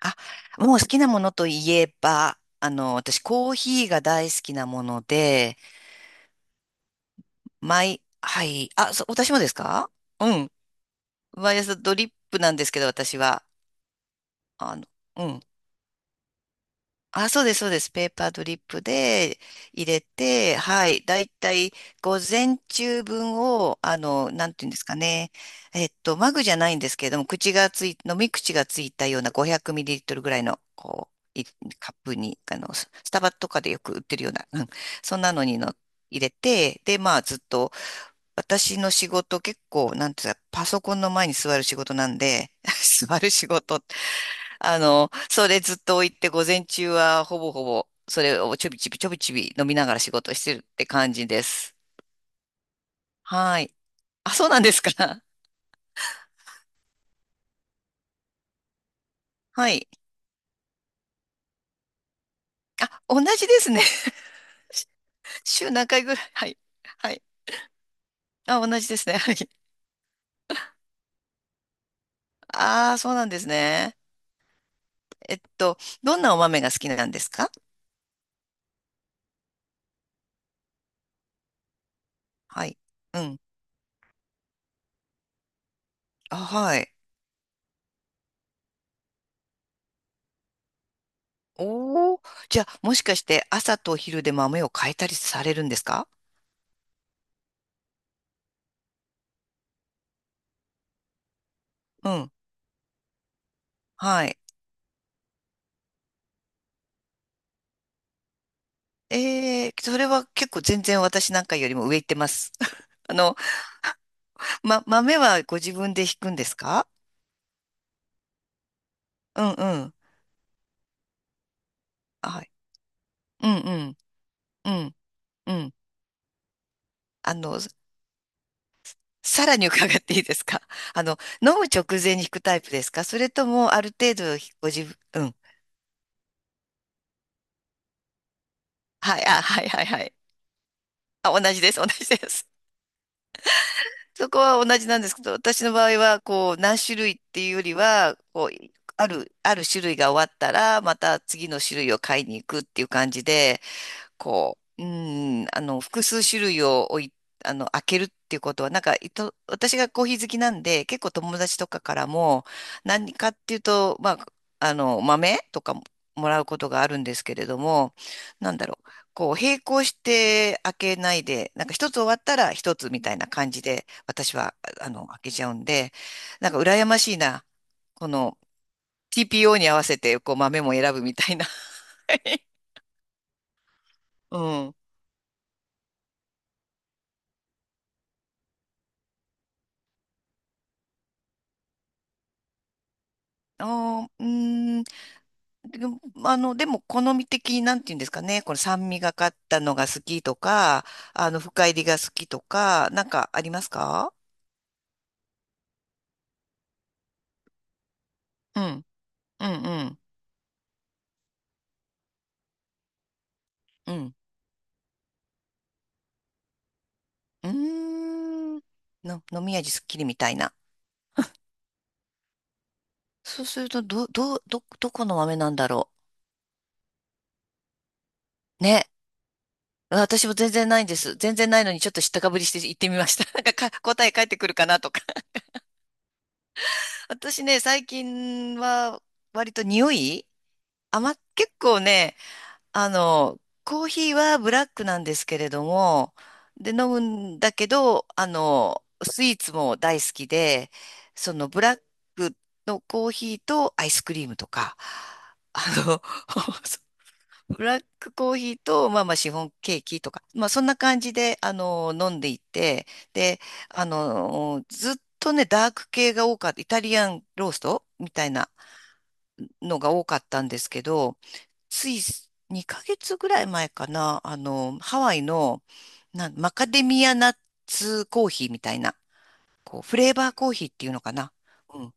あ、もう好きなものといえば、私コーヒーが大好きなもので、はい、私もですか？うん。毎朝ドリップなんですけど、私は。あの、うん。あ、そうです、そうです。ペーパードリップで入れて、はい。だいたい午前中分を、なんていうんですかね。マグじゃないんですけれども、口がつい、飲み口がついたような500ミリリットルぐらいの、う、いカップに、スタバとかでよく売ってるような、うん、そんなのに入れて、で、まあ、ずっと、私の仕事結構、なんていうんですか、パソコンの前に座る仕事なんで、座る仕事ってそれずっと置いて、午前中はほぼほぼ、それをちょびちびちょびちび飲みながら仕事してるって感じです。はい。あ、そうなんですか。はい。あ、同じですね。週何回ぐらい？はい。はい。あ、同じですね。はい。ああ、そうなんですね。えっと、どんなお豆が好きなんですか？はい。うん。あ、はい。おー。じゃあ、もしかして朝と昼で豆を変えたりされるんですか？うん。はい。ええ、それは結構全然私なんかよりも上行ってます。あの、豆はご自分で引くんですか？うんうん。はい。うんうん。うんうん。あの、さらに伺っていいですか？ あの、飲む直前に引くタイプですか？それともある程度ご自分、うん。はい、あ、はいはいはい。あ、同じです、同じです。そこは同じなんですけど、私の場合は、こう、何種類っていうよりは、こう、ある種類が終わったら、また次の種類を買いに行くっていう感じで、こう、うん、複数種類を置い、あの、開けるっていうことは、なんか、私がコーヒー好きなんで、結構友達とかからも、何かっていうと、まあ、豆とかも、もらうことがあるんですけれども、なんだろう、こう、並行して開けないで、なんか一つ終わったら一つみたいな感じで、私は、開けちゃうんで、なんか羨ましいな。この TPO に合わせて、こう、豆も選ぶみたいな。うん。あー、うーん、でも、でも、好み的に、なんて言うんですかね、この酸味がかったのが好きとか、深入りが好きとか、なんかありますか？うん、うん、うん、うん。うーん。飲み味すっきりみたいな。そうすると、どこの豆なんだろう。ね。私も全然ないんです。全然ないのに、ちょっと知ったかぶりして行ってみました。なんか、答え返ってくるかなとか。私ね、最近は、割と匂い結構ね、コーヒーはブラックなんですけれども、で、飲むんだけど、スイーツも大好きで、そのブラックのコーヒーとアイスクリームとか、あの、ブラックコーヒーと、まあまあシフォンケーキとか、まあそんな感じで、飲んでいて、で、ずっとね、ダーク系が多かった、イタリアンローストみたいな、のが多かったんですけど、つい2ヶ月ぐらい前かな、ハワイの、マカデミアナッツコーヒーみたいな、こう、フレーバーコーヒーっていうのかな。うん。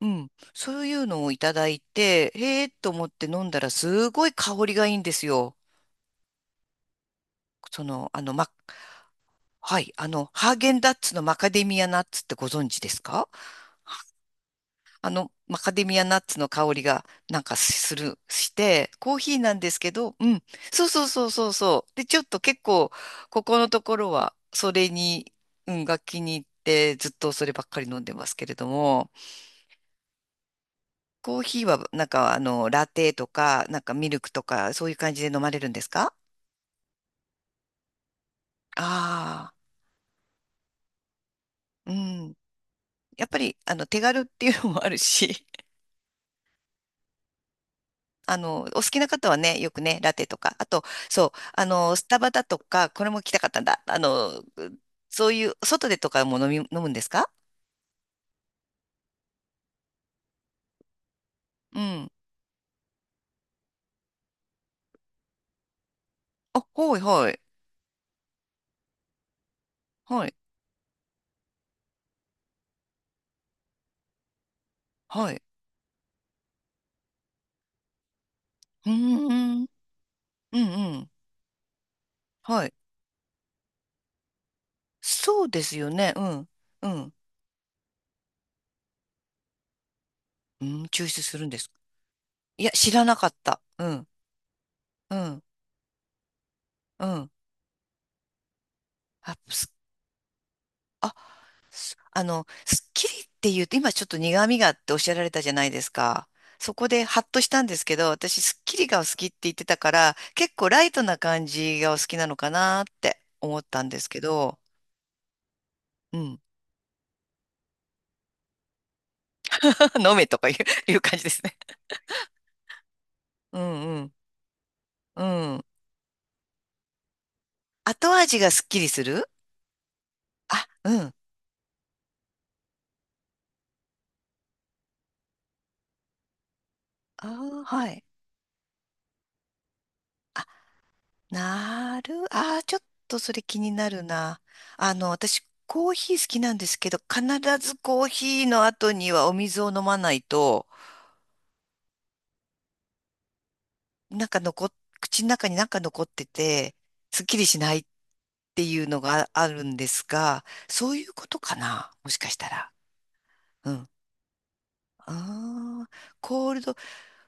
うん。そういうのをいただいて、へえと思って飲んだらすごい香りがいいんですよ。その、あの、ま、はい、ハーゲンダッツのマカデミアナッツってご存知ですか？マカデミアナッツの香りがなんかする、して、コーヒーなんですけど、うん。そうそうそうそうそう。で、ちょっと結構、ここのところは、それに、うん、が気に入って、ずっとそればっかり飲んでますけれども、コーヒーは、なんか、ラテとか、なんかミルクとか、そういう感じで飲まれるんですか？ああー、うん。やっぱり、手軽っていうのもあるし、お好きな方はね、よくね、ラテとか、あと、そう、スタバだとか、これも来たかったんだ。あの、そういう、外でとかも飲み、飲むんですか？うん。あ、はいはい。はい、はい。うーん、うん、うん。はい。そうですよね。うん、うん。うん、抽出するんですか？いや、知らなかった。うん、うん、うん。あ、すあの、すっきりっていうと、今ちょっと苦味があっておっしゃられたじゃないですか。そこでハッとしたんですけど、私すっきりがお好きって言ってたから、結構ライトな感じがお好きなのかなって思ったんですけど、うん。飲めとかいう、いう感じですね。うんうん。うん。後味がすっきりする。あ、うん。あーはい。ああ、ちょっとそれ気になるな。私、コーヒー好きなんですけど、必ずコーヒーの後にはお水を飲まないと、なんか残っ、口の中になんか残ってて、すっきりしないっていうのがあるんですが、そういうことかな、もしかしたら。うん。ああ、コールド、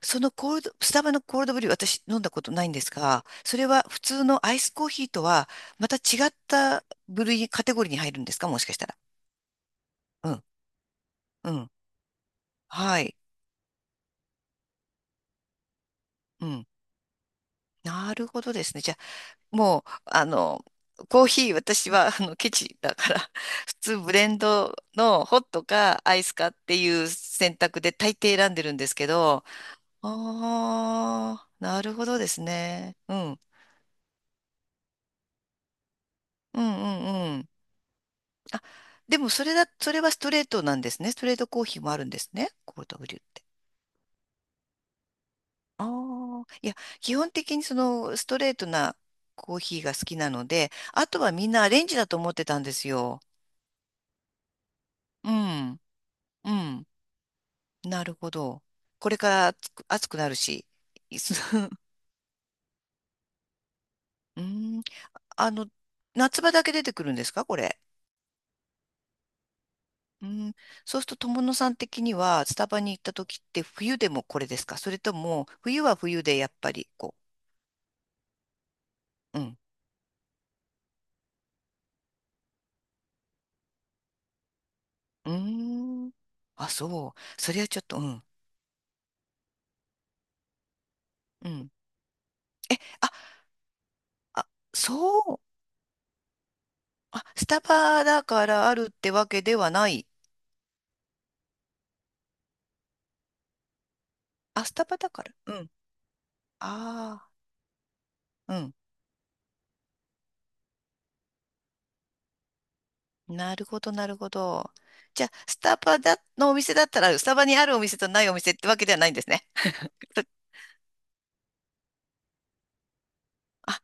そのコールド、スタバのコールドブリュー、私飲んだことないんですが、それは普通のアイスコーヒーとは、また違った部類、カテゴリーに入るんですか？もしかしたら。うん、うん、はい、うん。なるほどですね。じゃあ、もう、あの、コーヒー、私は、ケチだから、普通ブレンドのホットかアイスかっていう選択で大抵選んでるんですけど、ああ、なるほどですね。うん、うん、うん、うん。あ、でも、それはストレートなんですね。ストレートコーヒーもあるんですね。コールドブリュー。ああ、いや、基本的にそのストレートなコーヒーが好きなので、あとはみんなアレンジだと思ってたんですよ。うん、うん、なるほど。これから暑くなるし。いす うん、あの、夏場だけ出てくるんですか、これ？うん、そうすると友野さん的にはスタバに行った時って冬でもこれですか？それとも冬は冬でやっぱりこう。うん。うーん。あ、そう。それはちょっと、うん。うん。え、あ、そう。あ、スタバだからあるってわけではない。あ、スタバだから。うん。ああ、うん。なるほど、なるほど。じゃあ、スタバだ、のお店だったら、スタバにあるお店とないお店ってわけではないんですね。あ、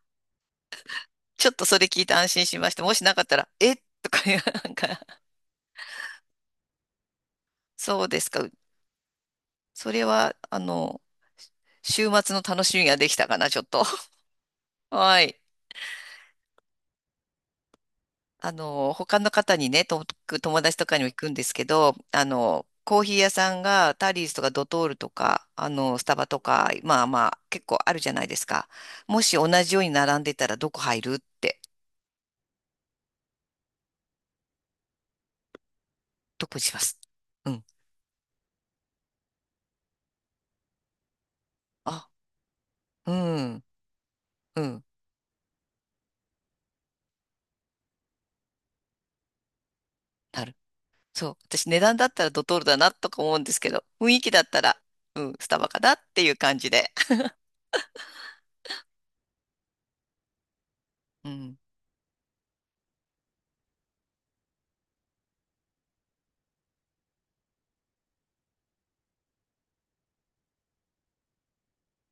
ちょっとそれ聞いて安心しました。もしなかったら、え とかいう、なんか、そうですか。それは、週末の楽しみができたかな、ちょっと。はい。他の方にね、友達とかにも行くんですけど、コーヒー屋さんがタリーズとかドトールとか、スタバとか、まあまあ、結構あるじゃないですか。もし同じように並んでたらどこ入るって、どこにします？うん。あ、うん、うん、なる。そう。私値段だったらドトールだなとか思うんですけど、雰囲気だったら、うん、スタバかなっていう感じで。うん。